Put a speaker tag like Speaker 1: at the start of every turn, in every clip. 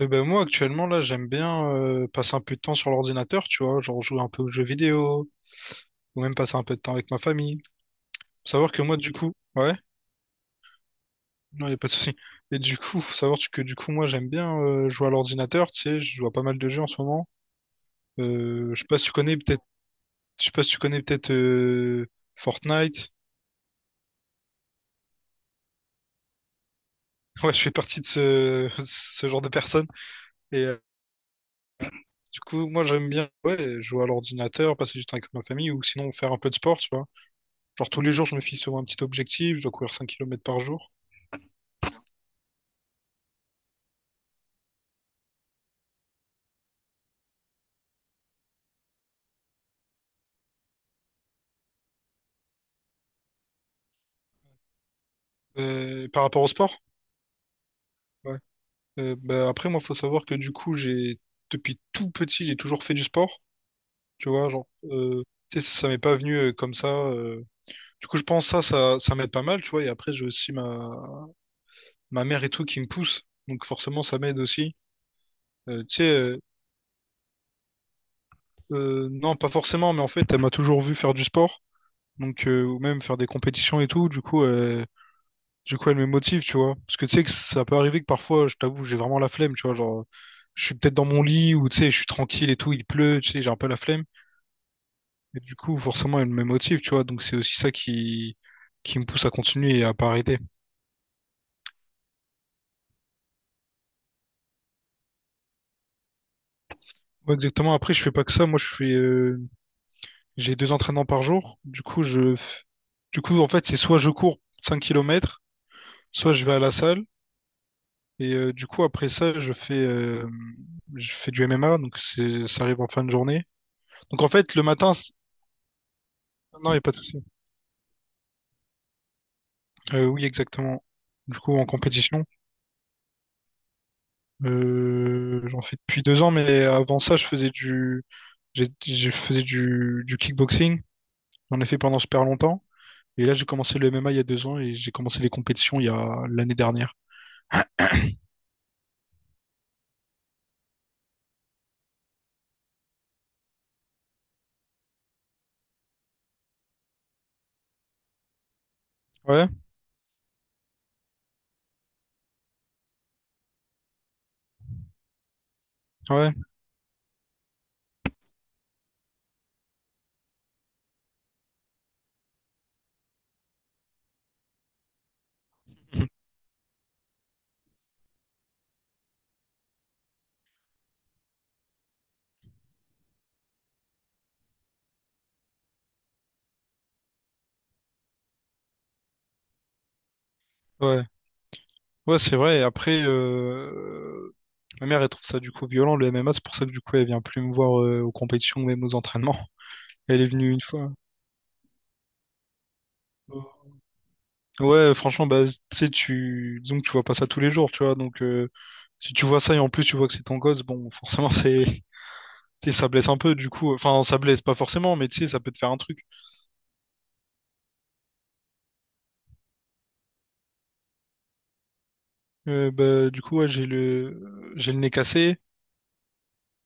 Speaker 1: Eh ben moi actuellement là j'aime bien passer un peu de temps sur l'ordinateur, tu vois, genre jouer un peu aux jeux vidéo, ou même passer un peu de temps avec ma famille. Faut savoir que moi du coup, ouais, non y a pas de souci. Et du coup, faut savoir que du coup moi j'aime bien jouer à l'ordinateur, tu sais, je joue à pas mal de jeux en ce moment. Je sais pas si tu connais peut-être, je sais pas si tu connais peut-être Fortnite. Ouais, je fais partie de ce, ce genre de personnes. Et du coup moi j'aime bien ouais jouer à l'ordinateur, passer du temps avec ma famille ou sinon faire un peu de sport, tu vois. Genre tous les jours, je me fixe sur un petit objectif, je dois courir 5 km par jour. Par rapport au sport, ouais. Bah, après, moi, faut savoir que du coup, j'ai depuis tout petit, j'ai toujours fait du sport. Tu vois, genre, tu sais, ça m'est pas venu comme ça. Du coup, je pense ça m'aide pas mal, tu vois. Et après, j'ai aussi ma mère et tout qui me pousse. Donc forcément, ça m'aide aussi. Tu sais, non, pas forcément, mais en fait, elle m'a toujours vu faire du sport. Donc, ou même faire des compétitions et tout. Du coup, elle me motive, tu vois. Parce que tu sais que ça peut arriver que parfois, je t'avoue, j'ai vraiment la flemme, tu vois. Genre, je suis peut-être dans mon lit ou tu sais, je suis tranquille et tout, il pleut, tu sais, j'ai un peu la flemme. Et du coup, forcément, elle me motive, tu vois. Donc, c'est aussi ça qui me pousse à continuer et à pas arrêter. Ouais, exactement. Après, je fais pas que ça. Moi, j'ai deux entraînements par jour. Du coup, en fait, c'est soit je cours 5 km soit je vais à la salle. Et du coup, après ça, je fais du MMA. Donc, ça arrive en fin de journée. Donc, en fait, le matin. Non, il n'y a pas de souci. Oui, exactement. Du coup, en compétition, j'en fais depuis 2 ans, mais avant ça, je faisais du kickboxing. J'en ai fait pendant super longtemps. Et là, j'ai commencé le MMA il y a 2 ans et j'ai commencé les compétitions il y a l'année dernière. Ouais, ouais, ouais. Ouais, c'est vrai. Et après, ma mère, elle trouve ça du coup violent, le MMA. C'est pour ça que du coup, elle vient plus me voir aux compétitions, même aux entraînements. Elle est venue une fois. Ouais, franchement, bah, tu sais, disons que tu vois pas ça tous les jours, tu vois. Donc, si tu vois ça et en plus tu vois que c'est ton gosse, bon, forcément, c'est, tu sais, ça blesse un peu, du coup. Enfin, ça blesse pas forcément, mais tu sais, ça peut te faire un truc. Bah, du coup, ouais, j'ai le nez cassé.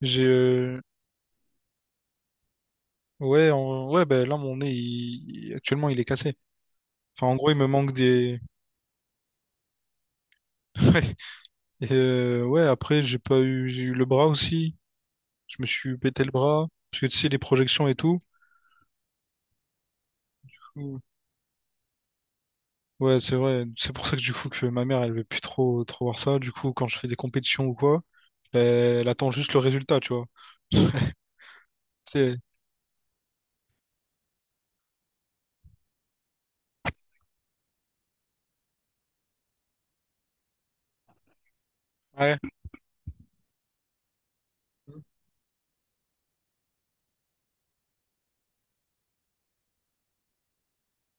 Speaker 1: J'ai, euh, ouais, ouais, bah, là, mon nez, actuellement, il est cassé. Enfin, en gros, il me manque des. Ouais. Et, ouais, après, j'ai pas eu, j'ai eu le bras aussi. Je me suis pété le bras. Parce que tu sais, les projections et tout. Ouais, c'est vrai. C'est pour ça que du coup que ma mère, elle veut plus trop trop voir ça. Du coup, quand je fais des compétitions ou quoi, ben, elle attend juste le résultat, tu vois. C'est Ouais,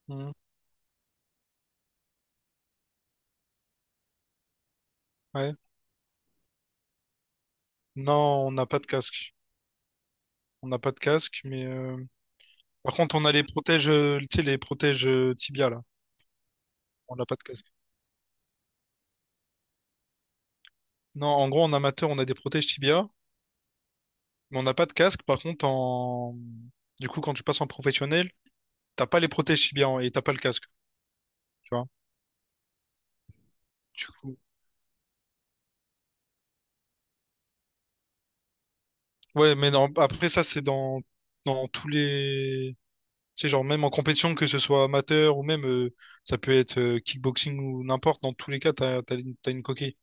Speaker 1: mm, ouais. Non, on n'a pas de casque. On n'a pas de casque, mais par contre, on a les protèges tibia là. On n'a pas de casque. Non, en gros, en amateur, on a des protèges tibia, mais on n'a pas de casque. Par contre, en du coup, quand tu passes en professionnel, t'as pas les protèges tibia et t'as pas le casque, tu vois. Du coup, ouais, mais non, après ça, c'est dans tous les... Tu sais, genre même en compétition, que ce soit amateur ou même, ça peut être kickboxing ou n'importe, dans tous les cas, t'as une coquille.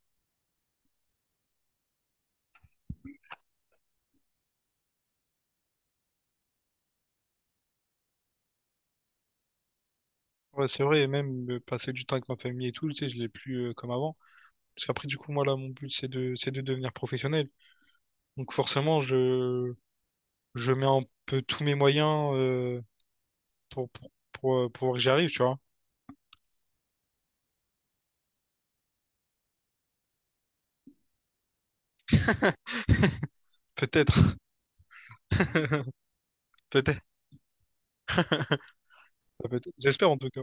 Speaker 1: Ouais, c'est vrai, et même passer du temps avec ma famille et tout, tu sais, je l'ai plus comme avant. Parce qu'après, du coup, moi, là, mon but, c'est de devenir professionnel. Donc forcément, je mets un peu tous mes moyens pour que j'y arrive, tu vois. Peut-être, peut-être, peut-être. J'espère en tout cas.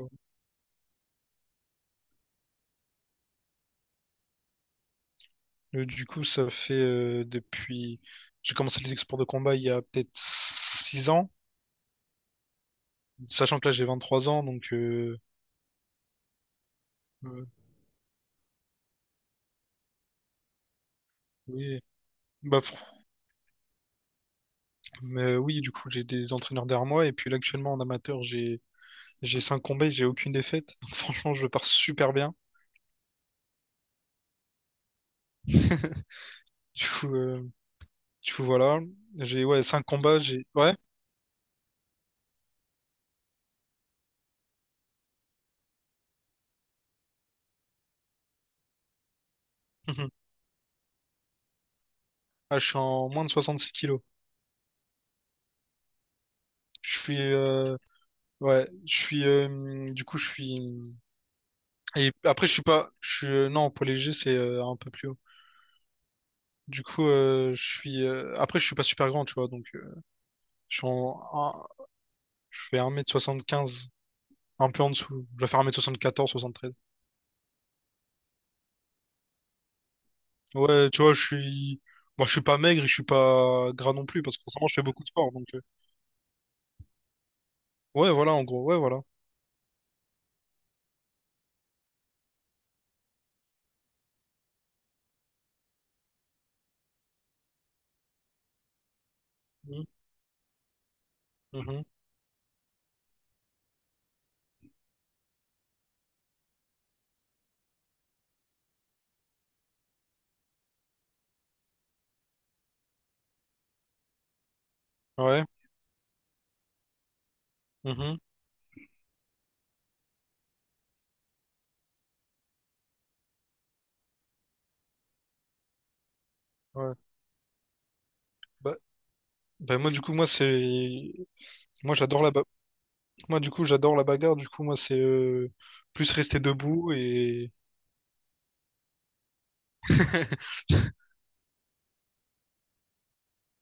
Speaker 1: Du coup, ça fait depuis. J'ai commencé les exports de combat il y a peut-être 6 ans, sachant que là j'ai 23 ans, donc euh, oui. Bah, mais oui, du coup, j'ai des entraîneurs derrière moi, et puis là, actuellement en amateur, j'ai 5 combats et j'ai aucune défaite. Donc franchement, je pars super bien. Du coup, euh, du coup, voilà. J'ai ouais, 5 combats, j'ai. Ouais. Ah, je suis en moins de 66 kilos. Je suis Ouais, je suis du coup je suis Et après, je suis pas. Non, poids léger, c'est un peu plus haut. Du coup, je suis. Après, je suis pas super grand, tu vois. Donc, je suis en. un- je fais 1,75 m un peu en dessous. Je vais faire 1,74 m soixante treize. Ouais, tu vois, je suis. Bon, je suis pas maigre et je suis pas gras non plus, parce que forcément, je fais beaucoup de sport. Donc, ouais, voilà, en gros, ouais, voilà. Mhm, mhm, ouais, mhm, ouais. Bah, bah, moi, du coup, moi, c'est. Moi, j'adore la ba... Moi, du coup, j'adore la bagarre. Du coup, moi, c'est plus rester debout et.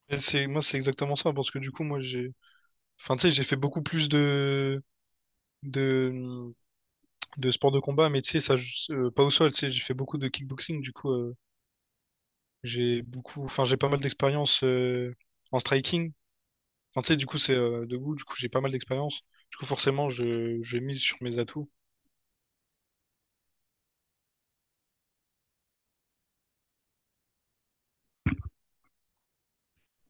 Speaker 1: Et moi, c'est exactement ça, parce que du coup, moi, enfin, tu sais, j'ai fait beaucoup plus de, de sports de combat, mais tu sais, ça, pas au sol, tu sais, j'ai fait beaucoup de kickboxing, du coup, j'ai beaucoup, enfin, j'ai pas mal d'expérience en striking. Enfin, tu sais, du coup, c'est debout, du coup, j'ai pas mal d'expérience. Du coup, forcément, je mise sur mes atouts.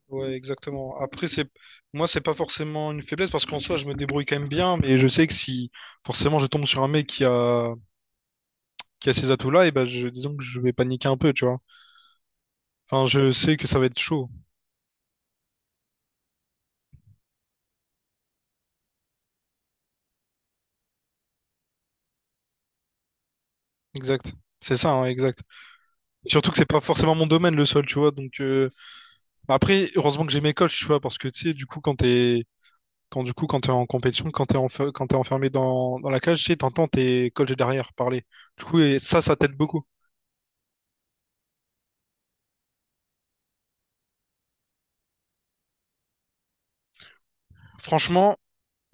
Speaker 1: Ouais, exactement. Après, moi, c'est pas forcément une faiblesse, parce qu'en soi, je me débrouille quand même bien, mais je sais que si, forcément, je tombe sur un mec qui a ces atouts-là, et ben, disons que je vais paniquer un peu, tu vois. Enfin, je sais que ça va être chaud. Exact. C'est ça, hein, exact. Surtout que c'est pas forcément mon domaine le sol, tu vois. Donc bah après, heureusement que j'ai mes coachs, tu vois, parce que tu sais, du coup, quand t'es en compétition, quand t'es enfermé dans la cage, tu sais, t'entends tes coachs derrière parler. Du coup, et ça t'aide beaucoup. Franchement,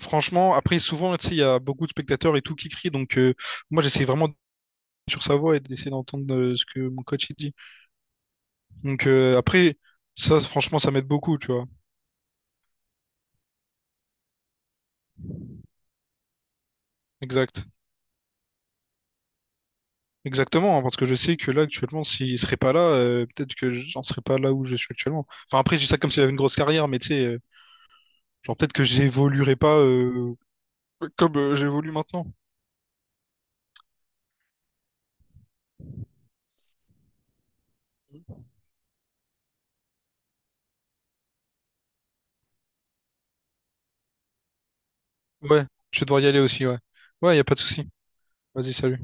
Speaker 1: franchement, après souvent, tu sais, il y a beaucoup de spectateurs et tout qui crient. Donc moi, j'essaie vraiment d'être sur sa voix et d'essayer d'entendre ce que mon coach il dit. Donc après, ça, franchement, ça m'aide beaucoup, tu vois. Exact. Exactement, hein, parce que je sais que là actuellement, s'il serait pas là, peut-être que j'en serais pas là où je suis actuellement. Enfin après, je dis ça comme s'il avait une grosse carrière, mais tu sais, genre peut-être que j'évoluerais pas comme j'évolue maintenant. Ouais, je vais devoir y aller aussi, ouais. Ouais, y a pas de souci. Vas-y, salut.